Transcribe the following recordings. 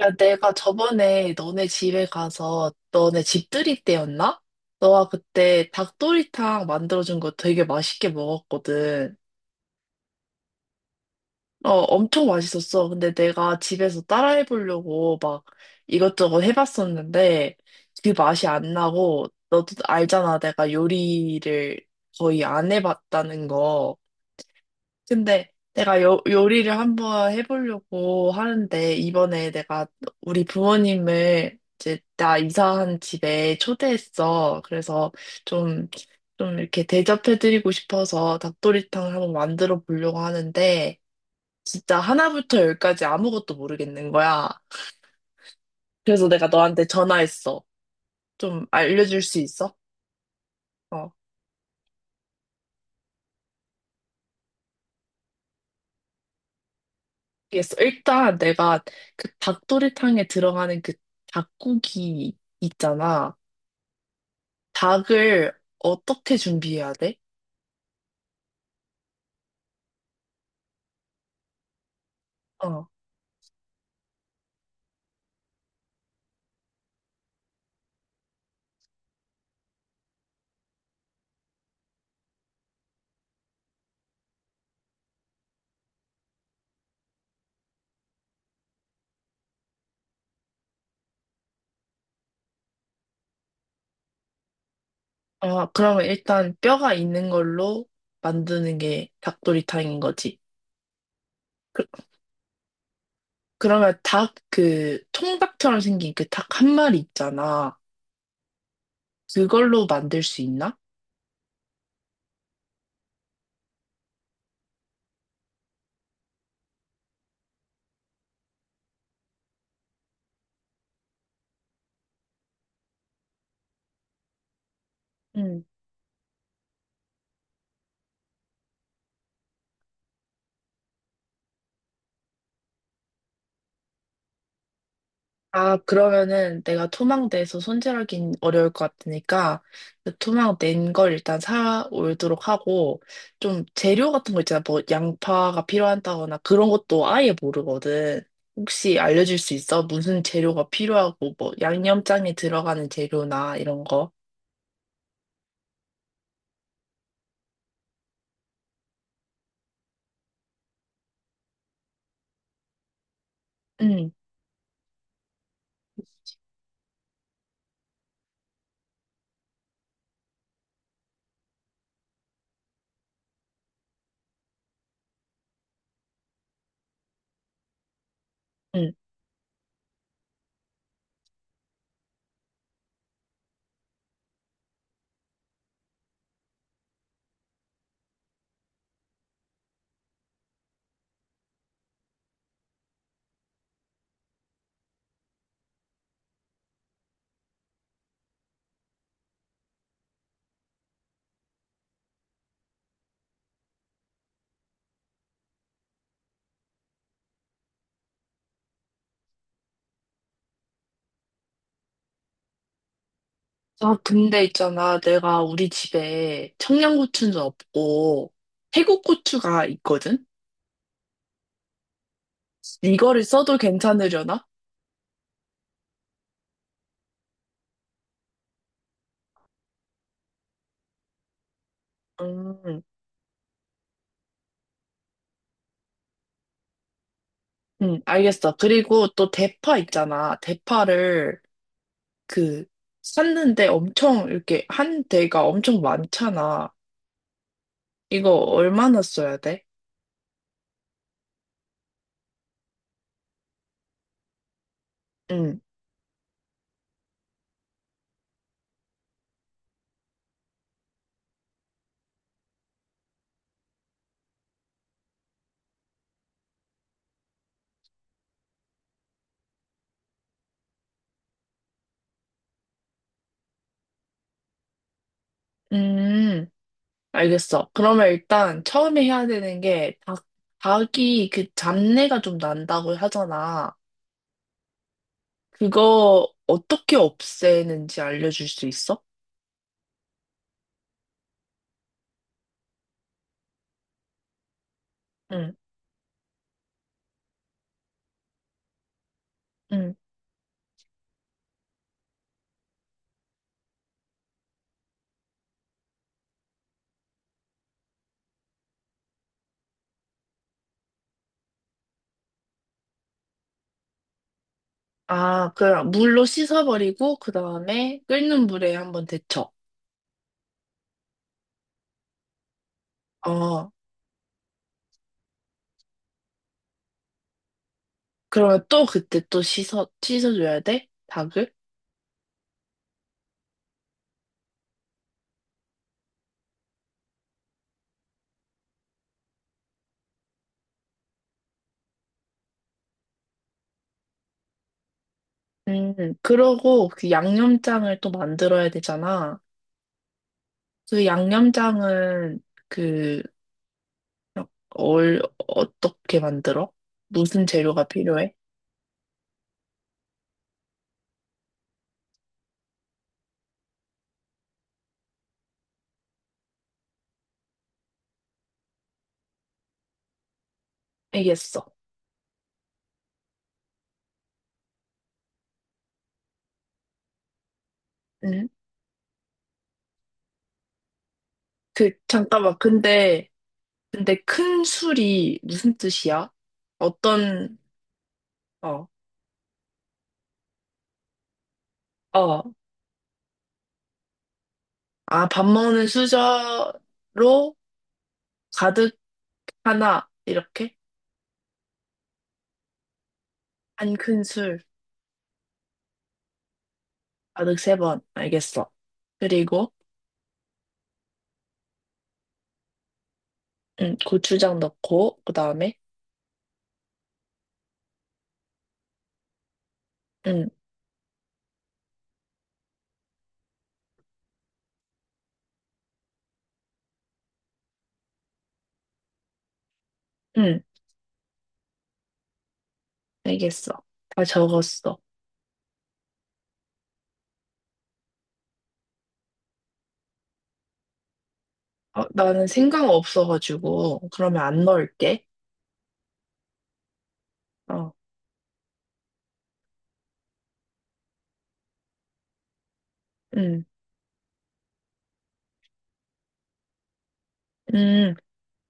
야, 내가 저번에 너네 집에 가서 너네 집들이 때였나? 너가 그때 닭도리탕 만들어준 거 되게 맛있게 먹었거든. 어, 엄청 맛있었어. 근데 내가 집에서 따라해보려고 막 이것저것 해봤었는데 그 맛이 안 나고 너도 알잖아. 내가 요리를 거의 안 해봤다는 거. 근데 내가 요리를 한번 해보려고 하는데, 이번에 내가 우리 부모님을 이제 나 이사한 집에 초대했어. 그래서 좀, 좀 이렇게 대접해드리고 싶어서 닭도리탕을 한번 만들어 보려고 하는데, 진짜 하나부터 열까지 아무것도 모르겠는 거야. 그래서 내가 너한테 전화했어. 좀 알려줄 수 있어? 어. 그 일단 내가 그 닭도리탕에 들어가는 그 닭고기 있잖아. 닭을 어떻게 준비해야 돼? 어. 아, 그러면 일단 뼈가 있는 걸로 만드는 게 닭도리탕인 거지. 그, 그러면 닭 그 통닭처럼 생긴 그 닭 한 마리 있잖아. 그걸로 만들 수 있나? 응. 아, 그러면은 내가 토막내서 손질하긴 어려울 것 같으니까 그 토막낸 걸 일단 사 오도록 하고 좀 재료 같은 거 있잖아. 뭐 양파가 필요하다거나 그런 것도 아예 모르거든. 혹시 알려줄 수 있어? 무슨 재료가 필요하고 뭐 양념장에 들어가는 재료나 이런 거? 응, 응. 아, 근데 있잖아. 내가 우리 집에 청양고추는 없고 태국 고추가 있거든? 이거를 써도 괜찮으려나? 음. 응, 알겠어. 그리고 또 대파 있잖아. 대파를 그 샀는데 엄청 이렇게 한 대가 엄청 많잖아. 이거 얼마나 써야 돼? 응, 음, 알겠어. 그러면 일단 처음에 해야 되는 게 닭이 그 잡내가 좀 난다고 하잖아. 그거 어떻게 없애는지 알려줄 수 있어? 응, 응. 아, 그럼 물로 씻어버리고 그 다음에 끓는 물에 한번 데쳐. 어. 그러면 또 그때 또 씻어줘야 돼? 닭을? 음, 그러고 그 양념장을 또 만들어야 되잖아. 그 양념장은 그, 어떻게 만들어? 무슨 재료가 필요해? 알겠어. 응? 그, 잠깐만. 근데, 근데 큰 술이 무슨 뜻이야? 어떤, 어, 어. 아, 밥 먹는 수저로 가득 하나, 이렇게? 한 큰 술. 가득 세 번. 알겠어. 그리고, 응, 고추장 넣고, 그 다음에, 응, 응, 알겠어. 다 적었어. 어, 나는 생강 없어가지고, 그러면 안 넣을게. 어, 응, 응.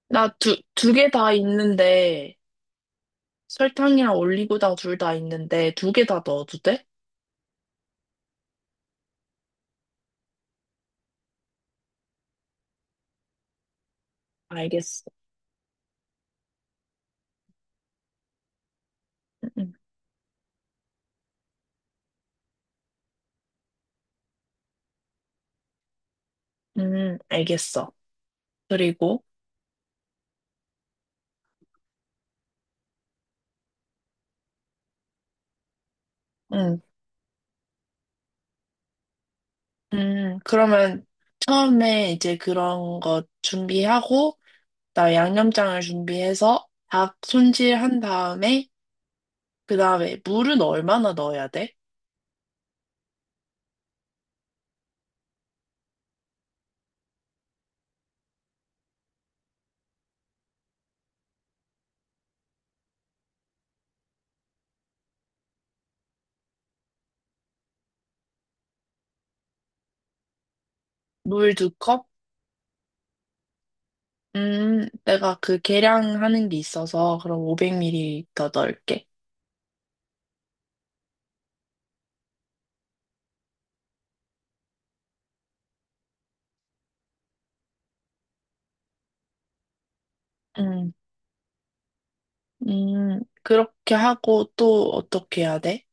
나 두 개 다 있는데, 설탕이랑 올리고당 둘 다 있는데, 두 개 다 넣어도 돼? 알겠어. 응, 응, 응, 알겠어. 그리고, 응, 응, 그러면 처음에 이제 그런 거 준비하고, 나다 양념장을 준비해서 닭 손질한 다음에 그다음에 물은 얼마나 넣어야 돼? 물 두 컵? 내가 그 계량하는 게 있어서 그럼 500ml 넣을게. 음, 그렇게 하고 또 어떻게 해야 돼?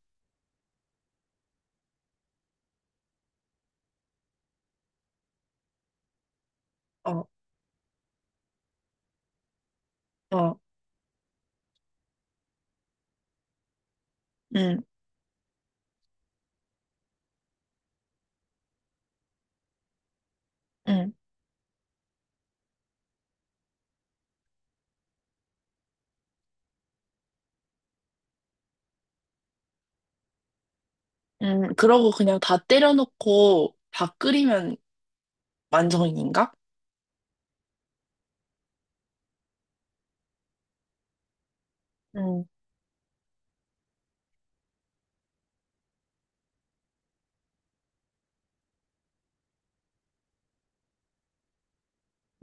어, 어, 음, 음, 그러고 그냥 다 때려놓고 다 끓이면 완성인가? 음,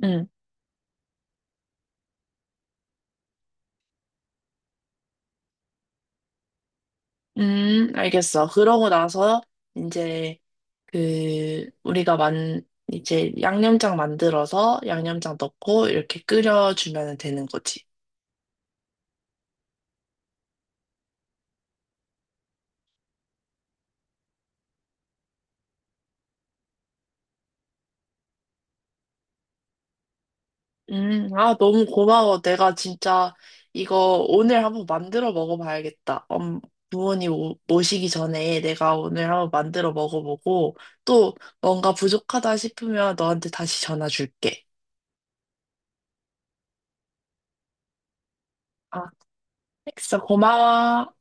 음, 알겠어. 그러고 나서 이제 그 우리가 만 이제 양념장 만들어서 양념장 넣고 이렇게 끓여주면 되는 거지. 아, 너무 고마워. 내가 진짜 이거 오늘 한번 만들어 먹어봐야겠다. 부모님 모시기 전에 내가 오늘 한번 만들어 먹어보고 또 뭔가 부족하다 싶으면 너한테 다시 전화 줄게. 아, 알겠어. 고마워.